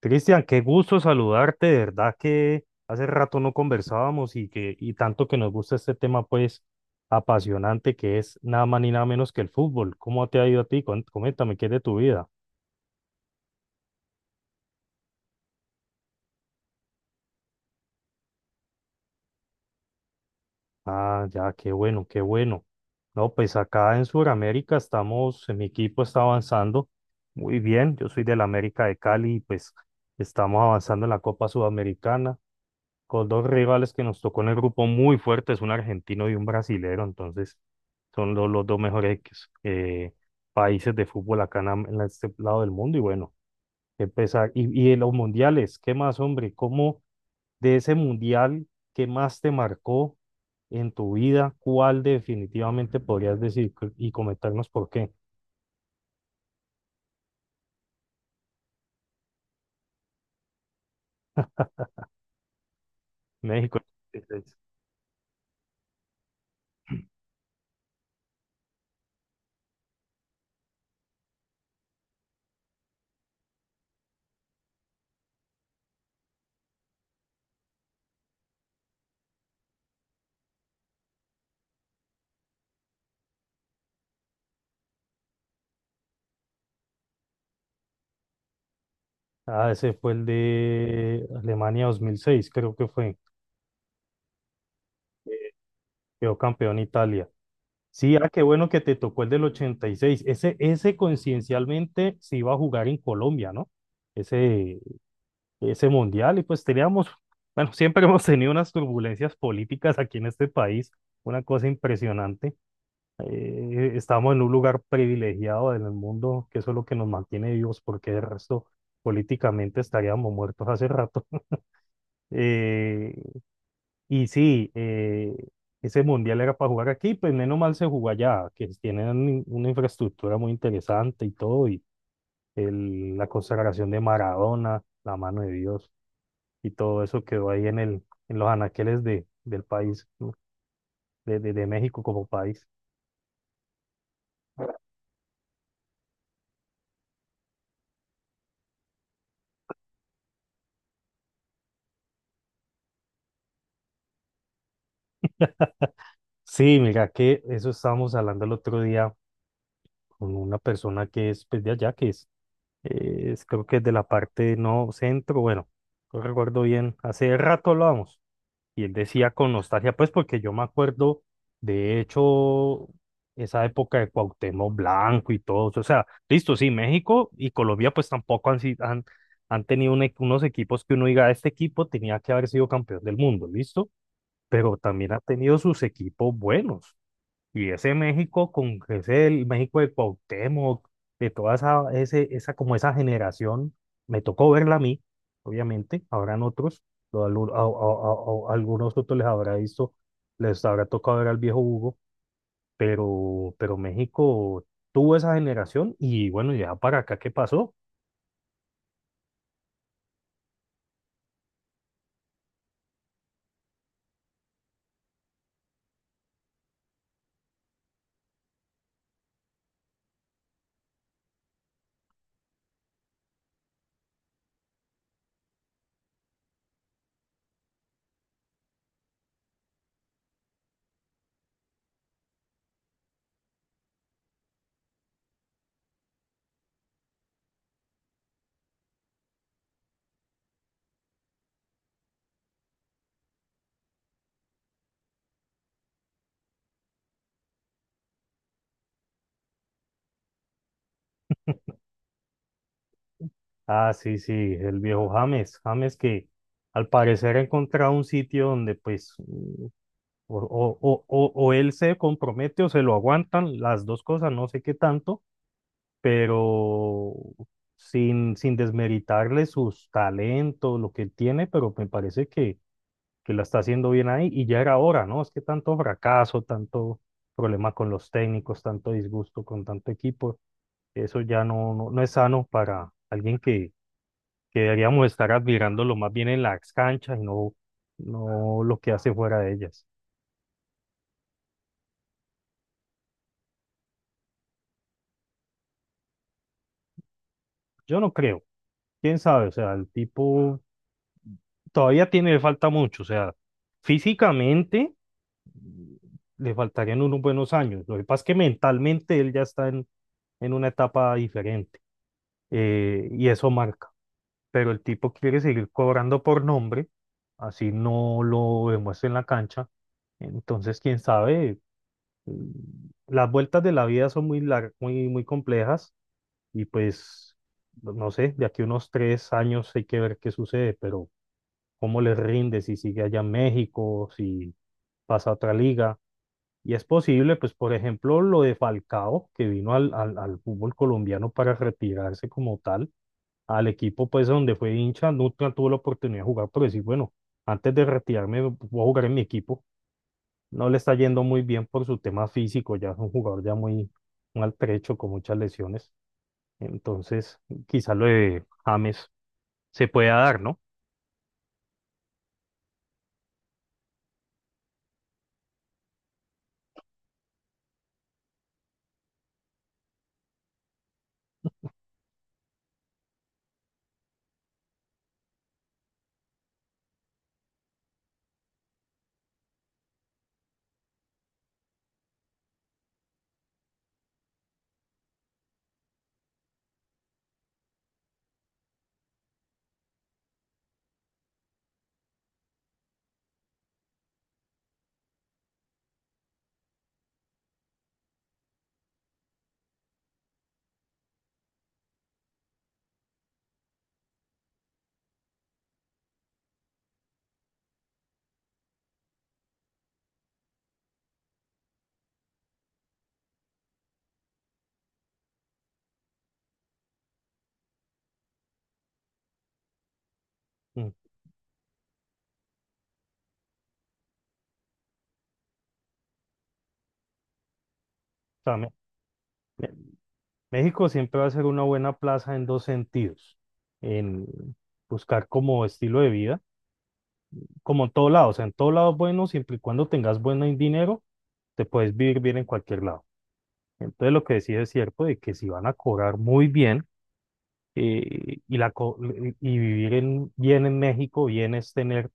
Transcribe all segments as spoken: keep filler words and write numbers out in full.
Cristian, qué gusto saludarte, de verdad que hace rato no conversábamos, y que y tanto que nos gusta este tema, pues, apasionante, que es nada más ni nada menos que el fútbol. ¿Cómo te ha ido a ti? Cuen- Coméntame, ¿qué es de tu vida? Ah, ya, qué bueno, qué bueno. No, pues acá en Sudamérica estamos, en mi equipo está avanzando muy bien. Yo soy del América de Cali y pues estamos avanzando en la Copa Sudamericana con dos rivales que nos tocó en el grupo muy fuertes, un argentino y un brasilero. Entonces, son lo- los, dos mejores eh, países de fútbol acá en, am- en este lado del mundo y, bueno, qué pesar. Y, y en los mundiales, ¿qué más, hombre? ¿Cómo, de ese mundial que más te marcó en tu vida, cuál definitivamente podrías decir c- y comentarnos por qué? México. ochenta y seis. Ah, ese fue el de Alemania dos mil seis, creo que fue. Quedó campeón Italia. Sí, ah, qué bueno que te tocó el del ochenta y seis. Ese, ese coincidencialmente se iba a jugar en Colombia, ¿no? Ese, ese mundial y, pues, teníamos, bueno, siempre hemos tenido unas turbulencias políticas aquí en este país, una cosa impresionante. Eh, estamos en un lugar privilegiado en el mundo, que eso es lo que nos mantiene vivos, porque de resto políticamente estaríamos muertos hace rato. Eh, y sí, eh, ese mundial era para jugar aquí, pues menos mal se jugó allá, que tienen una infraestructura muy interesante y todo, y el- la consagración de Maradona, la mano de Dios, y todo eso quedó ahí en el, en los anaqueles de, del país, ¿no? de, de, de México como país. Sí, mira que eso estábamos hablando el otro día con una persona que es, pues, de allá, que es, eh, es creo que es de la parte no centro. Bueno, no recuerdo bien, hace rato hablamos. Y él decía con nostalgia, pues porque yo me acuerdo, de hecho, esa época de Cuauhtémoc Blanco y todo eso. O sea, listo, sí, México y Colombia pues tampoco han, si- han, han tenido un e- unos equipos que uno diga, este equipo tenía que haber sido campeón del mundo, listo, pero también ha tenido sus equipos buenos. Y ese México, con ese el México de Cuauhtémoc, de toda esa, ese, esa, como esa generación, me tocó verla a mí. Obviamente, habrán otros, o algu- a- a- a- a- algunos otros les habrá visto, les habrá tocado ver al viejo Hugo. Pero, pero México tuvo esa generación y, bueno, ya para acá, ¿qué pasó? Ah, sí, sí, el viejo James, James que al parecer ha encontrado un sitio donde, pues, O, o- o- o- o él se compromete o se lo aguantan, las dos cosas, no sé qué tanto, pero sin, sin desmeritarle sus talentos, lo que él tiene, pero me parece que, que la está haciendo bien ahí y ya era hora, ¿no? Es que tanto fracaso, tanto problema con los técnicos, tanto disgusto con tanto equipo, eso ya no, no, no es sano para alguien que, que deberíamos estar admirándolo más bien en las canchas y no, no lo que hace fuera de ellas. Yo no creo, quién sabe. O sea, el tipo todavía tiene, le falta mucho, o sea, físicamente, mm, le faltarían unos buenos años. Lo que pasa es que mentalmente él ya está en, en una etapa diferente, eh, y eso marca. Pero el tipo quiere seguir cobrando por nombre, así no lo demuestra en la cancha. Entonces, quién sabe. Mm, las vueltas de la vida son muy largas, muy, muy complejas y, pues, no sé, de aquí a unos tres años hay que ver qué sucede, pero cómo les rinde si sigue allá en México, si pasa a otra liga. Y es posible, pues, por ejemplo, lo de Falcao, que vino al, al, al fútbol colombiano para retirarse como tal, al equipo, pues, donde fue hincha, nunca tuvo la oportunidad de jugar, pero decir, bueno, antes de retirarme voy a jugar en mi equipo. No le está yendo muy bien por su tema físico, ya es un jugador ya muy maltrecho, con muchas lesiones. Entonces, quizás lo de James se pueda dar, ¿no? Mm, o sea, me- México siempre va a ser una buena plaza en dos sentidos, en buscar como estilo de vida, como en todo lado, o sea, en todo lado es bueno, siempre y cuando tengas buen dinero, te puedes vivir bien en cualquier lado. Entonces, lo que decía es cierto, de que si van a cobrar muy bien, eh, y, la, co- y vivir en- bien en México, bien, es tener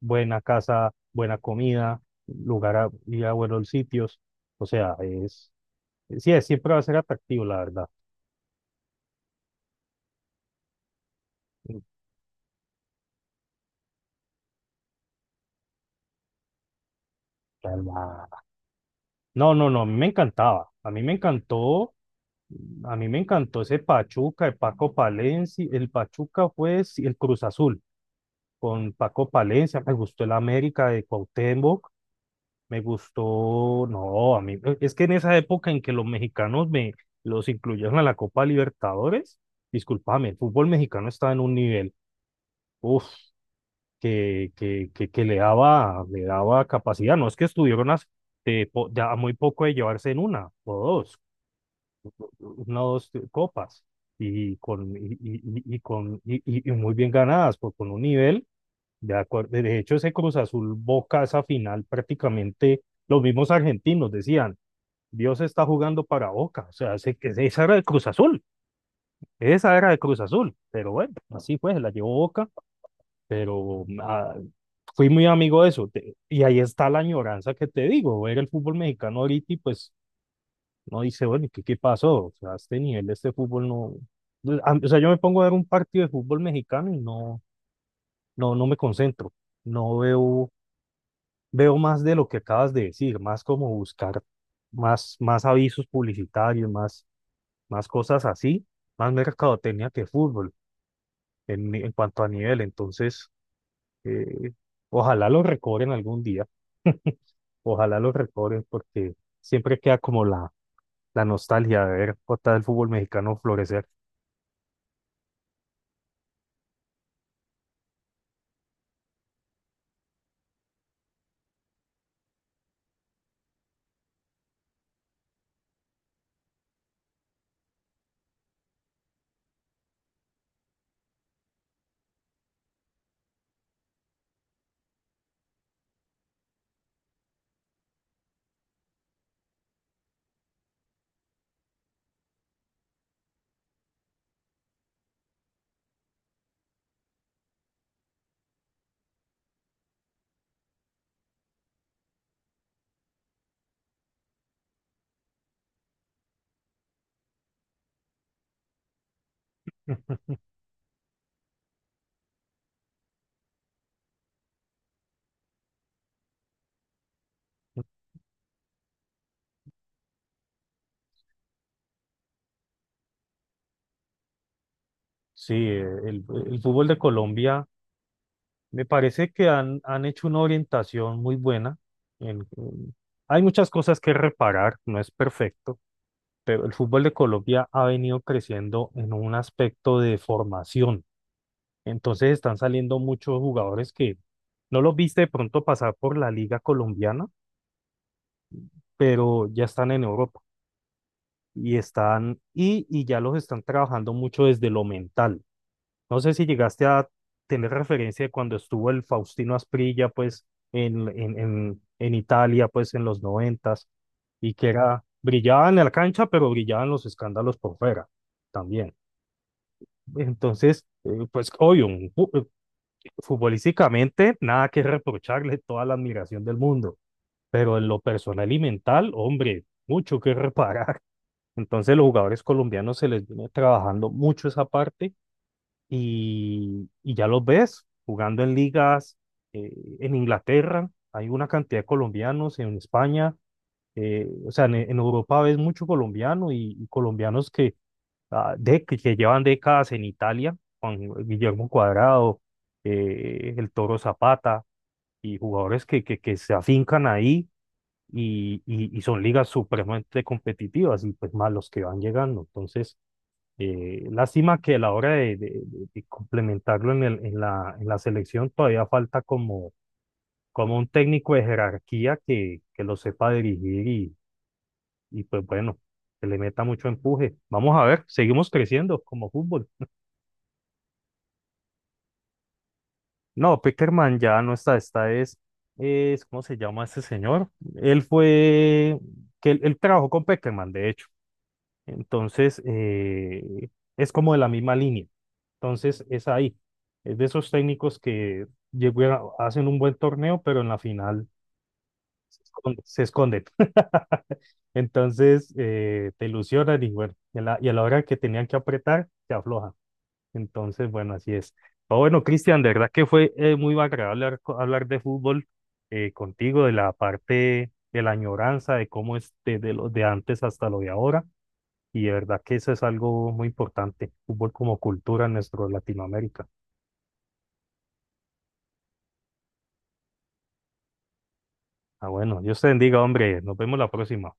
buena casa, buena comida, lugar a, ir a buenos sitios, o sea, es, sí, es- siempre va a ser atractivo, la verdad. Calma. No, no, no, a mí me encantaba. A mí me encantó, a mí me encantó ese Pachuca, el Paco Palencia, el Pachuca fue, sí, el Cruz Azul con Paco Palencia, me gustó el América de Cuauhtémoc, me gustó. No, a mí e, es que en esa época en que los mexicanos me los incluyeron a la Copa Libertadores, discúlpame, el fútbol mexicano estaba en un nivel, uff, que, que, que, que le daba, le daba capacidad, no es que estuvieron a, de po- de a muy poco de llevarse en una o dos una o dos copas y con, y, y- y- y con y, y- y muy bien ganadas, por con un nivel, de acuerdo. De hecho, ese Cruz Azul Boca, esa final, prácticamente los mismos argentinos decían: Dios está jugando para Boca. O sea, ese- ese- esa era de Cruz Azul, esa era de Cruz Azul, pero, bueno, así fue, se la llevó Boca. Pero, ah, fui muy amigo de eso, te- y ahí está la añoranza que te digo, ver el fútbol mexicano ahorita y pues no dice, bueno, ¿y qué, qué pasó? O sea, a este nivel de este fútbol no... Pues, a- o sea, yo me pongo a ver un partido de fútbol mexicano y no, no, no me concentro. No veo, veo más de lo que acabas de decir, más como buscar más, más avisos publicitarios, más, más cosas así, más mercadotecnia que fútbol en, ni- en cuanto a nivel. Entonces, eh, ojalá lo recobren algún día, ojalá lo recobren, porque siempre queda como la, la nostalgia de ver otra vez el fútbol mexicano florecer. Sí, eh, el, el fútbol de Colombia, me parece que han, han hecho una orientación muy buena. en- en- Hay muchas cosas que reparar, no es perfecto, pero el fútbol de Colombia ha venido creciendo en un aspecto de formación. Entonces, están saliendo muchos jugadores que no los viste de pronto pasar por la liga colombiana, pero ya están en Europa y están y, y ya los están trabajando mucho desde lo mental. No sé si llegaste a tener referencia de cuando estuvo el Faustino Asprilla, pues, en, en, en, en Italia, pues, en los noventas, y que era, brillaba en la cancha, pero brillaban los escándalos por fuera, también. Entonces, eh, pues, obvio, un fu- eh, futbolísticamente, nada que reprocharle, toda la admiración del mundo, pero en lo personal y mental, hombre, mucho que reparar. Entonces, los jugadores colombianos se les viene trabajando mucho esa parte, y, y ya los ves jugando en ligas, eh, en Inglaterra, hay una cantidad de colombianos en España, eh, o sea, en, en Europa ves mucho colombiano, y, y colombianos que, ah, de, que, que llevan décadas en Italia, con Guillermo Cuadrado, eh, el Toro Zapata, y jugadores que, que, que se afincan ahí. Y, y, y son ligas supremamente competitivas y, pues, más los que van llegando. Entonces, eh, lástima que a la hora de, de- de- de complementarlo en el- en la, en la selección, todavía falta como, como un técnico de jerarquía que, que lo sepa dirigir, y, y pues, bueno, que le meta mucho empuje. Vamos a ver, seguimos creciendo como fútbol. No, Peckerman ya no está. Esta es, es, ¿cómo se llama este señor? Él fue, que él, él trabajó con Peckerman, de hecho. Entonces, eh, es como de la misma línea. Entonces, es ahí. Es de esos técnicos que llegan, hacen un buen torneo, pero en la final se esconden, se esconden. Entonces, eh, te ilusionan y, bueno, y a la, y a la hora que tenían que apretar, se aflojan. Entonces, bueno, así es. Pero, bueno, Cristian, de verdad que fue eh, muy agradable hablar, co- hablar de fútbol, eh, contigo, de la parte de la añoranza, de cómo es desde lo de antes hasta lo de ahora. Y de verdad que eso es algo muy importante, fútbol como cultura en nuestro Latinoamérica. Ah, bueno, Dios te bendiga, hombre. Nos vemos la próxima.